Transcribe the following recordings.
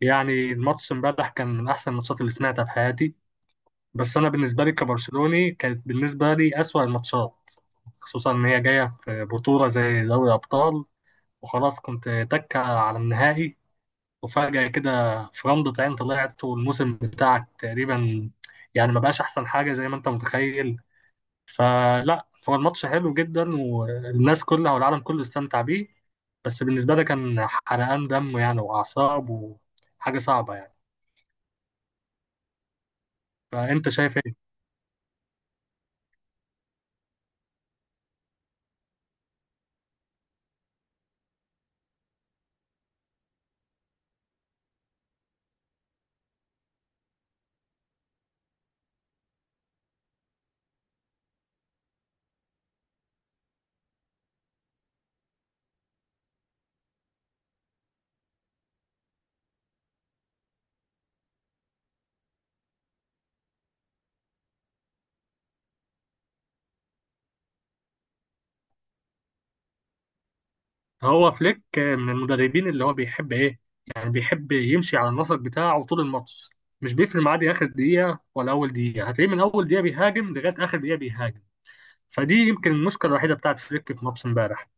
يعني الماتش امبارح كان من احسن الماتشات اللي سمعتها في حياتي. بس انا بالنسبه لي كبرشلوني كانت بالنسبه لي اسوأ الماتشات، خصوصا ان هي جايه في بطوله زي دوري ابطال وخلاص كنت تكه على النهائي. وفجاه كده في رمضة عين طلعت والموسم بتاعك تقريبا، يعني ما بقاش احسن حاجه زي ما انت متخيل. فلا هو الماتش حلو جدا والناس كلها والعالم كله استمتع بيه، بس بالنسبه لي كان حرقان دم يعني واعصاب وحاجه صعبه يعني. فانت شايف ايه؟ هو فليك من المدربين اللي هو بيحب ايه، يعني بيحب يمشي على النسق بتاعه طول الماتش. مش بيفرق معاه دي اخر دقيقه ولا اول دقيقه، هتلاقيه من اول دقيقه بيهاجم لغايه اخر دقيقه بيهاجم. فدي يمكن المشكله الوحيده بتاعت فليك في ماتش امبارح.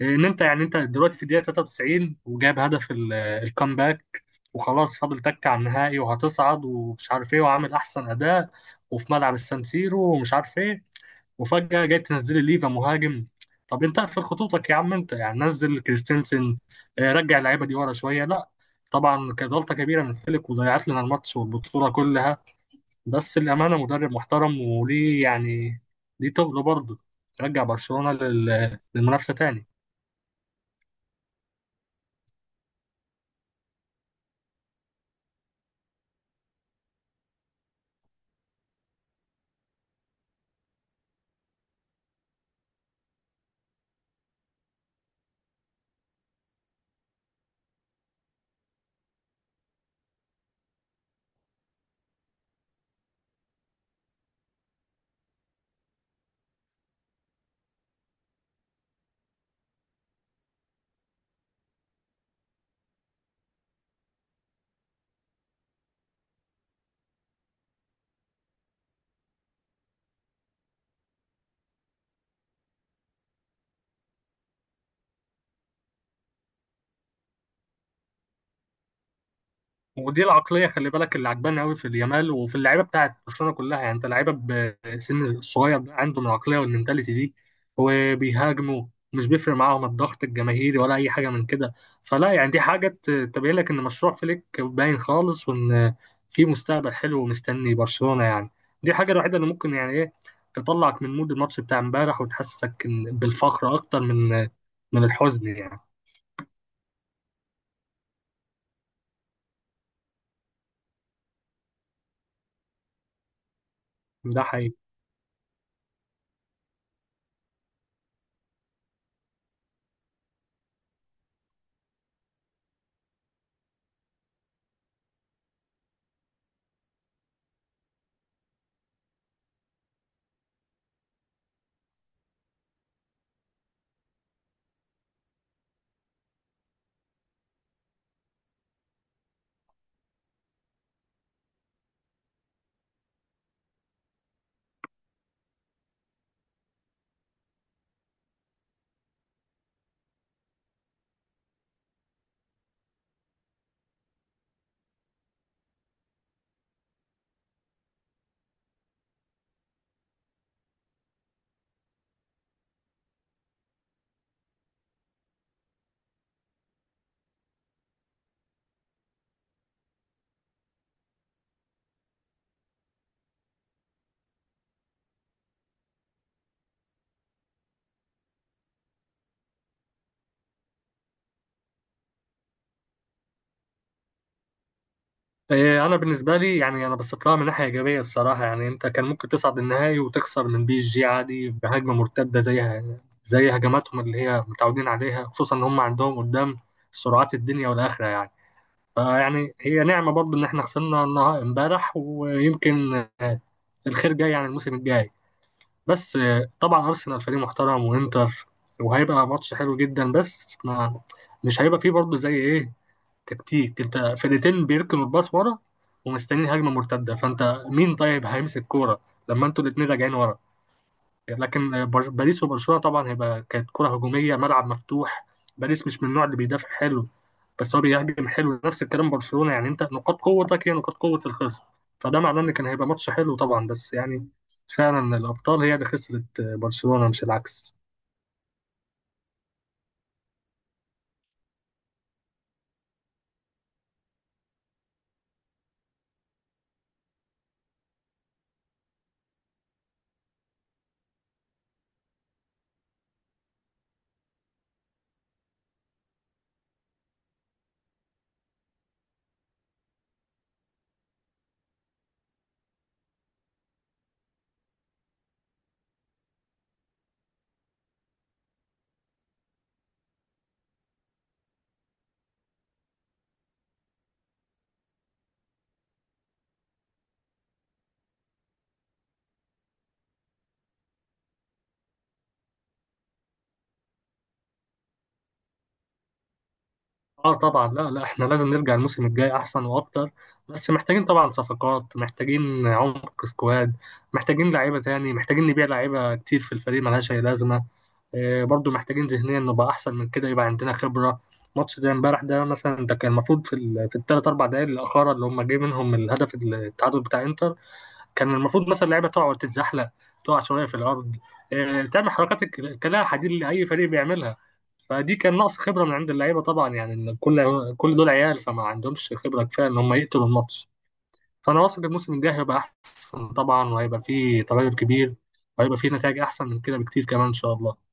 ان انت يعني انت دلوقتي في الدقيقه 93 وجاب هدف الكامباك وخلاص فاضل تك على النهائي وهتصعد ومش عارف ايه وعامل احسن اداء وفي ملعب السان سيرو ومش عارف ايه. وفجأة جاي تنزلي ليفا مهاجم؟ طب انت اقفل خطوطك يا عم، انت يعني نزل كريستنسن رجع اللعيبة دي ورا شوية لا. طبعا كانت غلطة كبيرة من فليك وضيعت لنا الماتش والبطولة كلها. بس الأمانة مدرب محترم وليه يعني، ليه تقله برضه رجع برشلونة للمنافسة تاني. ودي العقليه خلي بالك اللي عجباني قوي في اليامال وفي اللعيبه بتاعت برشلونه كلها، يعني انت لعيبه بسن الصغير ده عندهم العقليه والمنتاليتي دي وبيهاجموا. مش بيفرق معاهم الضغط الجماهيري ولا اي حاجه من كده. فلا يعني دي حاجه تبين لك ان مشروع فليك باين خالص وان في مستقبل حلو ومستني برشلونه يعني. دي الحاجه الوحيده اللي ممكن يعني ايه تطلعك من مود الماتش بتاع امبارح وتحسسك بالفخر اكتر من الحزن يعني. ده حقيقي. إيه، انا بالنسبه لي يعني انا بثق لها من ناحيه ايجابيه الصراحه، يعني انت كان ممكن تصعد النهائي وتخسر من بي اس جي عادي بهجمه مرتده زيها زي هجماتهم اللي هي متعودين عليها، خصوصا ان هم عندهم قدام سرعات الدنيا والاخره يعني. فيعني هي نعمه برضو ان احنا خسرنا النهائي امبارح، ويمكن آه، الخير جاي يعني الموسم الجاي. بس طبعا ارسنال فريق محترم وانتر، وهيبقى ماتش حلو جدا بس ما مش هيبقى فيه برضه زي ايه تكتيك، انت فرقتين بيركنوا الباص ورا ومستنيين هجمه مرتده، فانت مين طيب هيمسك الكوره لما انتوا الاثنين راجعين ورا. لكن باريس وبرشلونه طبعا هيبقى كانت كره هجوميه ملعب مفتوح. باريس مش من النوع اللي بيدافع حلو، بس هو بيهاجم حلو. نفس الكلام برشلونه، يعني انت نقاط قوتك هي نقاط قوه الخصم. فده معناه ان كان هيبقى ماتش حلو طبعا، بس يعني فعلا الابطال هي اللي خسرت برشلونه مش العكس. اه طبعا، لا لا، احنا لازم نرجع الموسم الجاي احسن واكتر. بس محتاجين طبعا صفقات، محتاجين عمق سكواد، محتاجين لعيبه تاني، محتاجين نبيع لعيبه كتير في الفريق ملهاش اي لازمه. آه برضو محتاجين ذهنيا نبقى احسن من كده يبقى عندنا خبره. ماتش زي امبارح ده مثلا، ده كان المفروض في في الثلاث اربع دقائق الاخيره اللي هم جاي منهم الهدف التعادل بتاع انتر. كان المفروض مثلا اللعيبه تقع وتتزحلق، تقع شويه في الارض، آه تعمل حركات كلاعب حديد اللي اي فريق بيعملها. فدي كان نقص خبره من عند اللعيبه طبعا، يعني إن كل دول عيال فما عندهمش خبره كفايه ان هم يقتلوا الماتش. فانا واثق الموسم الجاي هيبقى احسن طبعا، وهيبقى فيه تغير كبير، وهيبقى فيه نتائج احسن من كده بكتير كمان ان شاء الله.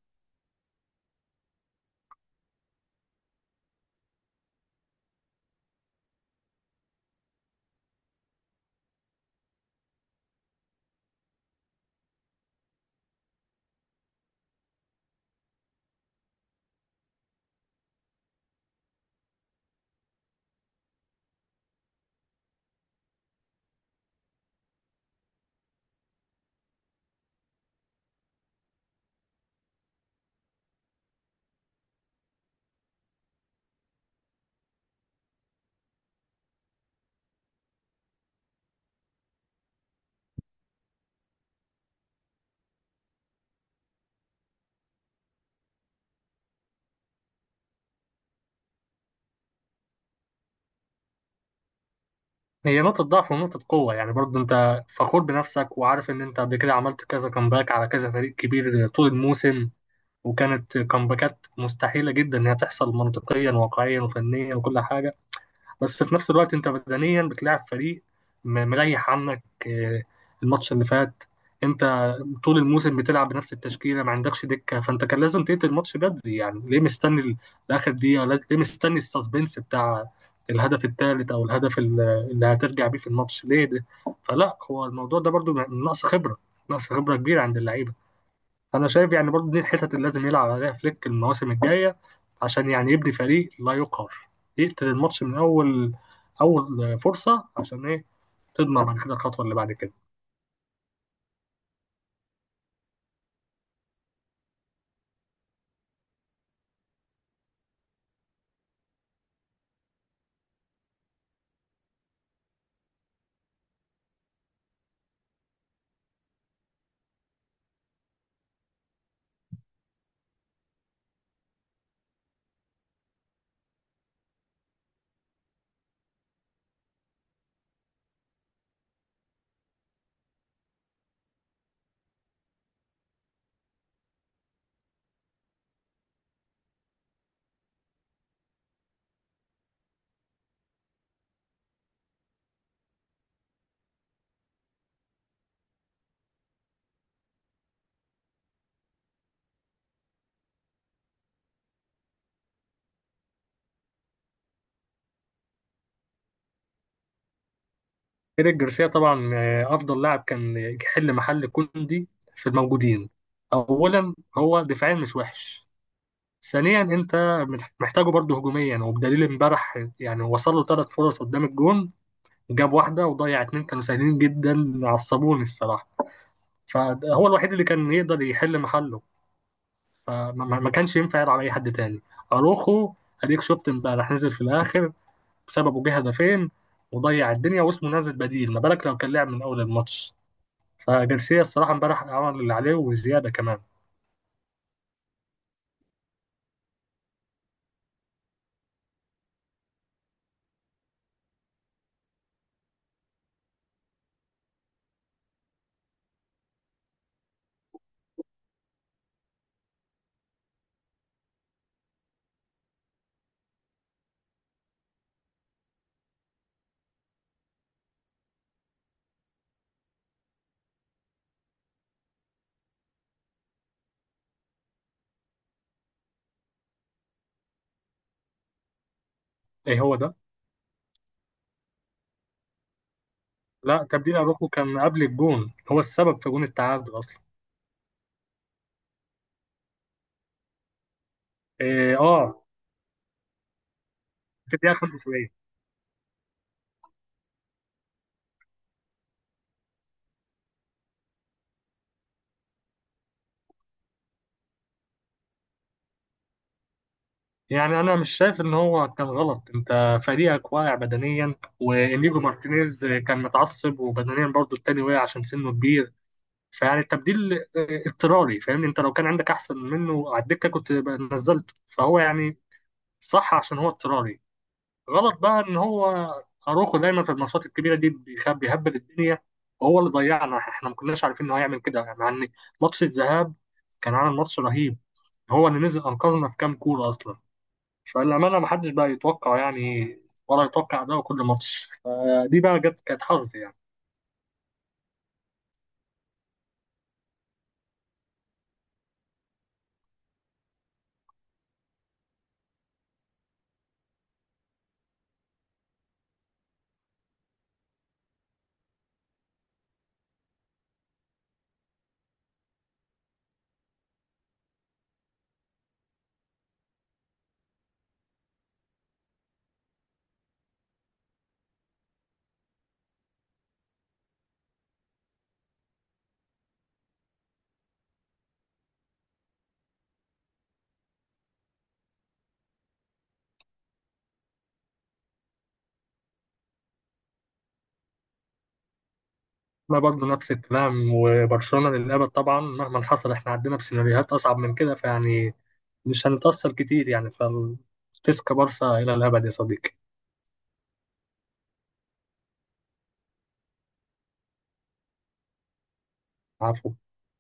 هي نقطه ضعف ونقطه قوه يعني، برضه انت فخور بنفسك وعارف ان انت قبل كده عملت كذا كامباك على كذا فريق كبير طول الموسم، وكانت كامباكات مستحيله جدا انها تحصل منطقيا وواقعيا وفنيا وكل حاجه. بس في نفس الوقت انت بدنيا بتلعب فريق مريح عنك، الماتش اللي فات. انت طول الموسم بتلعب بنفس التشكيله، ما عندكش دكه، فانت كان لازم تقتل الماتش بدري، يعني ليه مستني لاخر دقيقه، ليه مستني السسبنس بتاع الهدف الثالث او الهدف اللي هترجع بيه في الماتش ليه ده. فلا هو الموضوع ده برضو نقص خبره، نقص خبره كبيره عند اللعيبه. انا شايف يعني برضو دي الحتت اللي لازم يلعب عليها فليك المواسم الجايه عشان يعني يبني فريق لا يقهر، يقتل الماتش من اول اول فرصه عشان ايه تضمن بعد كده الخطوه اللي بعد كده. ايريك جارسيا طبعا افضل لاعب كان يحل محل كوندي في الموجودين. اولا هو دفاعيا مش وحش، ثانيا انت محتاجه برضه هجوميا، وبدليل امبارح يعني وصل له ثلاث فرص قدام الجون، جاب واحده وضيع اتنين كانوا سهلين جدا عصبوني الصراحه. فهو الوحيد اللي كان يقدر يحل محله، فما ما- ما كانش ينفع يلعب على اي حد تاني. اروخو، اديك شفت امبارح نزل في الاخر، بسببه جه هدفين وضيع الدنيا واسمه نازل بديل، ما بالك لو كان لعب من اول الماتش. فجارسيا الصراحه امبارح عمل اللي عليه وزياده كمان. ايه هو ده. لا، تبديل اروخو كان قبل الجون، هو السبب في جون التعادل اصلا. إيه اه، في الدقيقه 75. يعني انا مش شايف ان هو كان غلط، انت فريقك واقع بدنيا، وانيجو مارتينيز كان متعصب وبدنيا برضه التاني وقع عشان سنه كبير. فيعني التبديل اضطراري، فاهمني، انت لو كان عندك احسن منه على الدكه كنت بقى نزلته، فهو يعني صح عشان هو اضطراري، غلط بقى ان هو اروخو دايما في الماتشات الكبيره دي بيخاب بيهبل الدنيا. وهو اللي ضيعنا، احنا ما كناش عارفين ان هو هيعمل كده يعني، مع ان ماتش الذهاب كان عامل ماتش رهيب، هو اللي نزل انقذنا في كام كوره اصلا. فالأمانة محدش بقى يتوقع يعني، ولا يتوقع ده كل ماتش، فدي بقى جت كانت حظ يعني. ما برضه نفس الكلام، وبرشلونة للأبد طبعا مهما حصل، احنا عندنا بسيناريوهات أصعب من كده، فيعني مش هنتأثر كتير يعني، فالتسكا بارسا إلى الأبد يا صديقي. عفو.